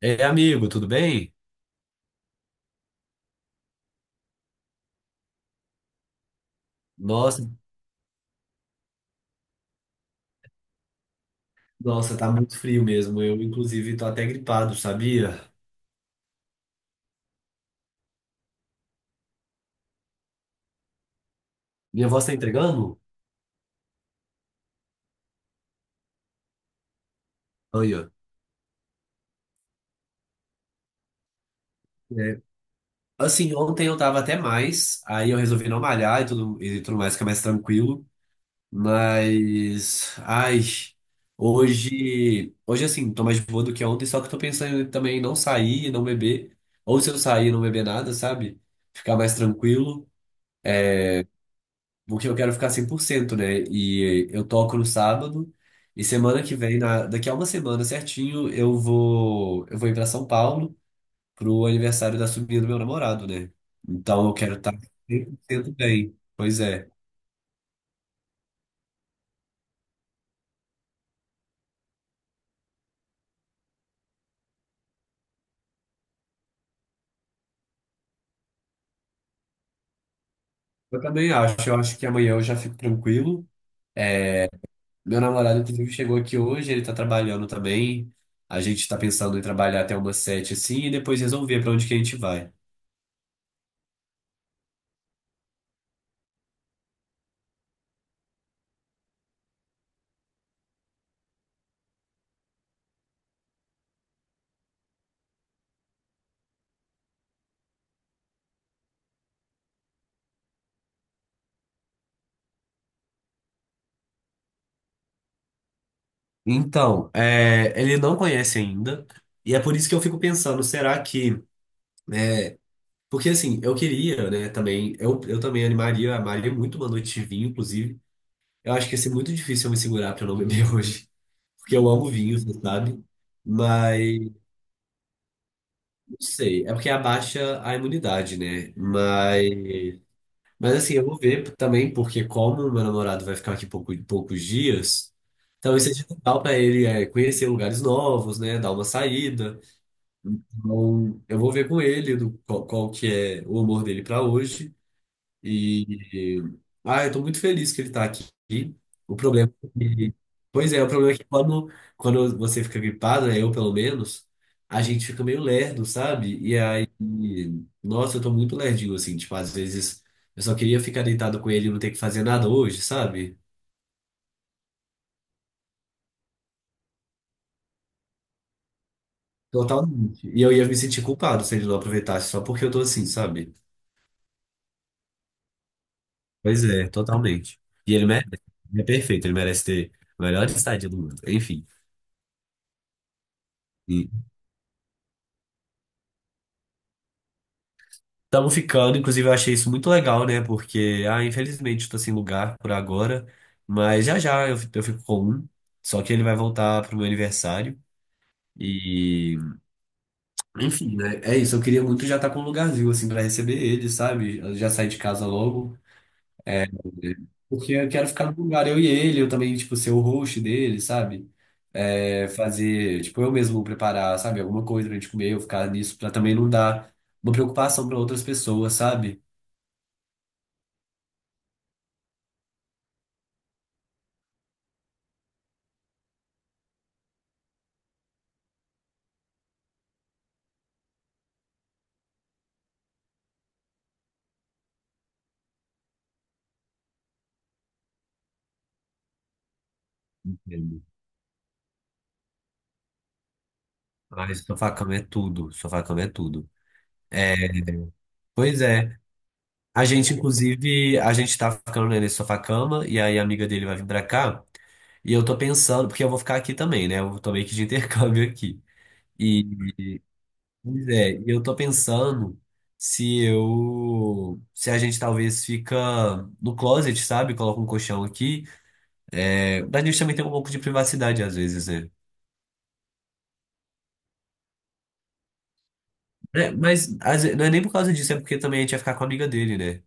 É, amigo, tudo bem? Nossa, nossa, tá muito frio mesmo. Eu, inclusive, tô até gripado, sabia? Minha voz tá entregando? Olha. É. Assim, ontem eu tava até mais, aí eu resolvi não malhar e tudo mais, ficar mais tranquilo. Mas, ai, hoje assim, tô mais de boa do que ontem, só que eu tô pensando também em não sair e não beber. Ou se eu sair e não beber nada, sabe? Ficar mais tranquilo. Porque eu quero ficar 100%, né? E eu toco no sábado, e semana que vem, daqui a uma semana certinho, eu vou ir para São Paulo pro aniversário da sobrinha do meu namorado, né? Então eu quero estar 100% bem. Pois é. Eu também acho, eu acho que amanhã eu já fico tranquilo. Meu namorado, inclusive, chegou aqui hoje, ele tá trabalhando também. A gente tá pensando em trabalhar até umas sete, assim, e depois resolver para onde que a gente vai. Então, é, ele não conhece ainda, e é por isso que eu fico pensando, será que. Porque assim, eu queria, né, também, eu também amaria muito uma noite de vinho, inclusive. Eu acho que ia ser muito difícil eu me segurar pra eu não beber hoje, porque eu amo vinho, você sabe? Mas, não sei, é porque abaixa a imunidade, né? Mas assim, eu vou ver também, porque como meu namorado vai ficar aqui poucos dias, então talvez seja legal pra ele, conhecer lugares novos, né, dar uma saída. Então, eu vou ver com ele qual que é o humor dele para hoje. E, eu tô muito feliz que ele tá aqui. O problema é que, pois é, o problema é que quando você fica gripado, né, eu pelo menos, a gente fica meio lerdo, sabe? E aí, nossa, eu tô muito lerdinho, assim, tipo, às vezes eu só queria ficar deitado com ele e não ter que fazer nada hoje, sabe? Totalmente. E eu ia me sentir culpado se ele não aproveitasse só porque eu tô assim, sabe? Pois é, totalmente. E ele merece. Ele é perfeito, ele merece ter a melhor estadia do mundo. Enfim. Estamos ficando, inclusive eu achei isso muito legal, né? Porque, infelizmente estou sem lugar por agora, mas já já eu fico com um. Só que ele vai voltar pro meu aniversário. E, enfim, né? É isso, eu queria muito já estar com um lugarzinho, assim, para receber ele, sabe? Eu já saí de casa logo. Porque eu quero ficar no lugar, eu e ele, eu também, tipo, ser o host dele, sabe? É, fazer, tipo, eu mesmo preparar, sabe, alguma coisa pra gente comer, eu ficar nisso, pra também não dar uma preocupação pra outras pessoas, sabe? Entendo. Ai, sofá cama é tudo, sofá-cama é tudo. É, pois é. A gente, inclusive, a gente tá ficando né, nesse sofá-cama, e aí a amiga dele vai vir pra cá. E eu tô pensando, porque eu vou ficar aqui também, né? Eu tô meio que de intercâmbio aqui. E pois é, e eu tô pensando se a gente talvez fica no closet, sabe? Coloca um colchão aqui. É, a gente também tem um pouco de privacidade às vezes, né? É, mas não é nem por causa disso, é porque também a gente ia ficar com a amiga dele, né?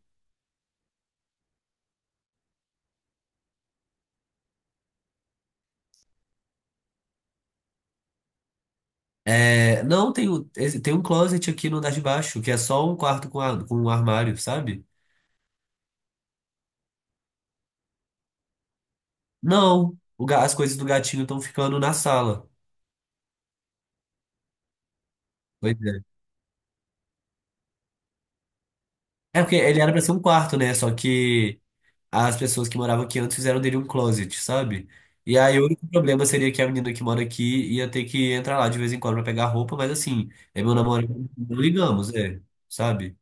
É, não, tem, tem um closet aqui no andar de baixo, que é só um quarto com um armário, sabe? Não, as coisas do gatinho estão ficando na sala. Pois é. É porque ele era pra ser um quarto, né? Só que as pessoas que moravam aqui antes fizeram dele um closet, sabe? E aí o único problema seria que a menina que mora aqui ia ter que entrar lá de vez em quando pra pegar roupa, mas assim, é meu namorado, não ligamos, é, sabe?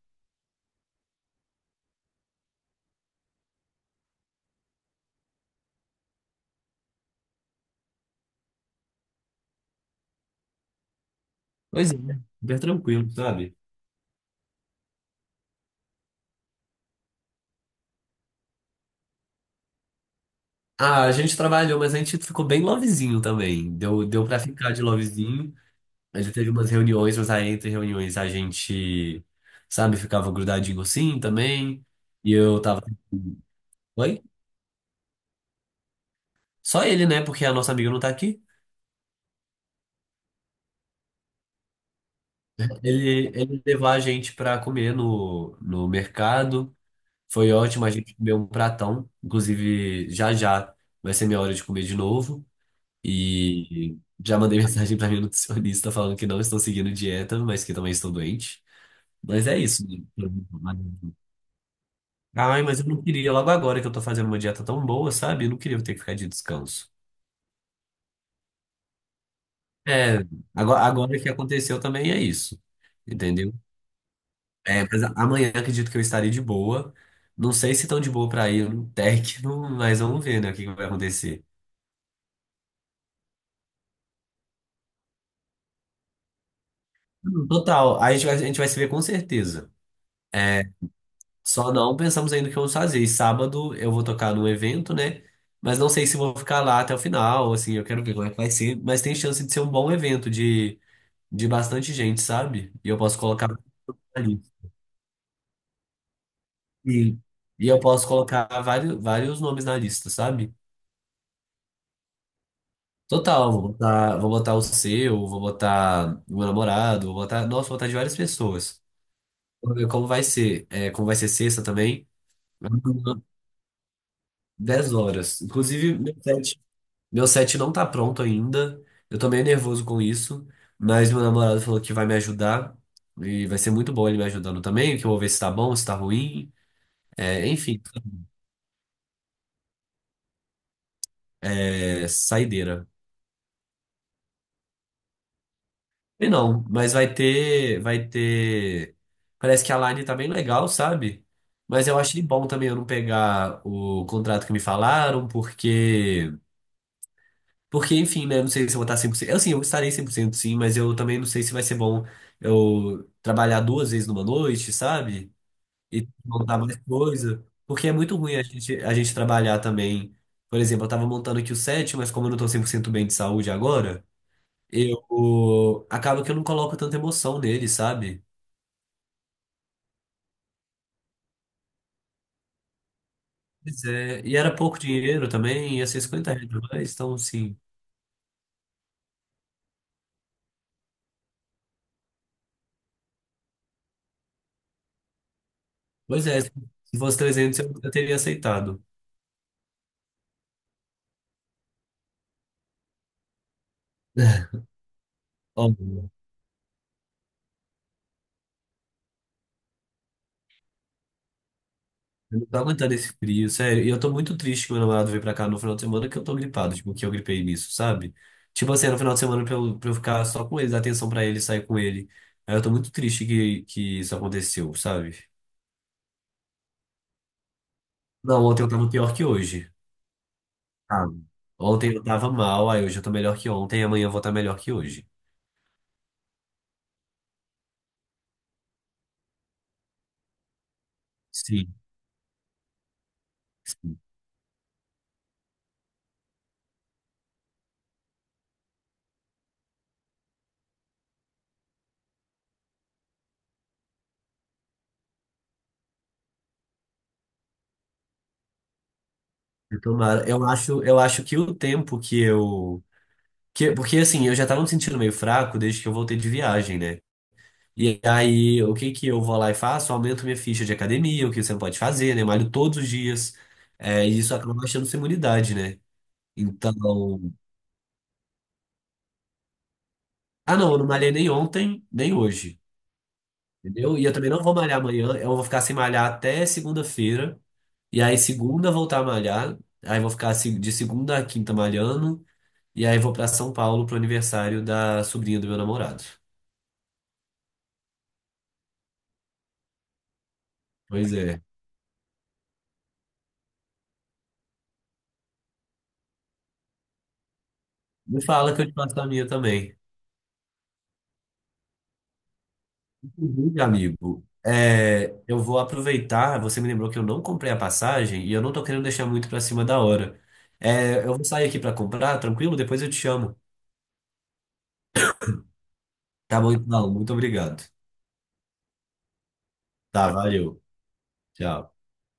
Pois é, super tranquilo, sabe? Ah, a gente trabalhou, mas a gente ficou bem lovezinho também. Deu pra ficar de lovezinho. A gente teve umas reuniões, mas aí entre reuniões a gente, sabe, ficava grudadinho assim também. E eu tava. Oi? Só ele, né? Porque a nossa amiga não tá aqui. Ele levar a gente para comer no mercado. Foi ótimo, a gente comeu um pratão. Inclusive, já já vai ser minha hora de comer de novo. E já mandei mensagem para minha nutricionista falando que não estou seguindo dieta, mas que também estou doente. Mas é isso. Ai, mas eu não queria logo agora que eu tô fazendo uma dieta tão boa, sabe? Eu não queria ter que ficar de descanso. É, agora, agora que aconteceu também é isso. Entendeu? É, mas amanhã acredito que eu estarei de boa. Não sei se tão de boa pra ir no Tech, mas vamos ver, né, o que que vai acontecer. Hum. Total, a gente vai se ver com certeza. Só não pensamos ainda o que vamos fazer. E sábado eu vou tocar num evento, né? Mas não sei se vou ficar lá até o final, assim, eu quero ver como é que vai ser. Mas tem chance de ser um bom evento, de bastante gente, sabe? E eu posso colocar ali. E, e eu posso colocar vários, vários nomes na lista, sabe? Total, vou botar o seu, vou botar o meu namorado, vou botar, nossa, vou botar de várias pessoas. Vamos ver como vai ser, como vai ser sexta também. 10 horas. Inclusive, meu set não tá pronto ainda. Eu tô meio nervoso com isso, mas meu namorado falou que vai me ajudar. E vai ser muito bom ele me ajudando também, que eu vou ver se tá bom, se tá ruim. É, enfim, é saideira. E não, mas vai ter, vai ter. Parece que a line tá bem legal, sabe? Mas eu achei bom também eu não pegar o contrato que me falaram, porque. Porque, enfim, né? Eu não sei se eu vou estar 100%. Eu sim, eu estarei 100% sim, mas eu também não sei se vai ser bom eu trabalhar duas vezes numa noite, sabe? E montar mais coisa. Porque é muito ruim a gente trabalhar também. Por exemplo, eu tava montando aqui o set, mas como eu não tô 100% bem de saúde agora eu acaba que eu não coloco tanta emoção nele, sabe? Pois é, e era pouco dinheiro também, ia ser R$ 50 mais, então assim. Pois é, se fosse 300 eu teria aceitado. Ó, eu não tô aguentando esse frio, sério. E eu tô muito triste que meu namorado veio pra cá no final de semana que eu tô gripado, tipo, que eu gripei nisso, sabe? Tipo assim, era no final de semana pra eu ficar só com ele, dar atenção pra ele, sair com ele. Aí eu tô muito triste que isso aconteceu, sabe? Não, ontem eu tava pior que hoje. Ah, ontem eu tava mal, aí hoje eu tô melhor que ontem, e amanhã eu vou estar melhor que hoje. Sim, sim. Eu tomara. Eu acho que o tempo que eu. Que, porque assim, eu já tava me sentindo meio fraco desde que eu voltei de viagem, né? E aí, o que que eu vou lá e faço? Aumento minha ficha de academia, o que você não pode fazer, né? Malho todos os dias. É, e isso acaba baixando sua imunidade, né? Então. Ah, não, eu não malhei nem ontem, nem hoje. Entendeu? E eu também não vou malhar amanhã, eu vou ficar sem malhar até segunda-feira. E aí, segunda, eu voltar a malhar. Aí, vou ficar de segunda a quinta malhando. E aí, vou pra São Paulo pro aniversário da sobrinha do meu namorado. Pois é. Me fala que eu te passo a minha também. Inclusive, amigo, eu vou aproveitar. Você me lembrou que eu não comprei a passagem e eu não tô querendo deixar muito pra cima da hora. É, eu vou sair aqui pra comprar, tranquilo? Depois eu te chamo. Tá bom, então. Muito obrigado. Tá, valeu. Tchau.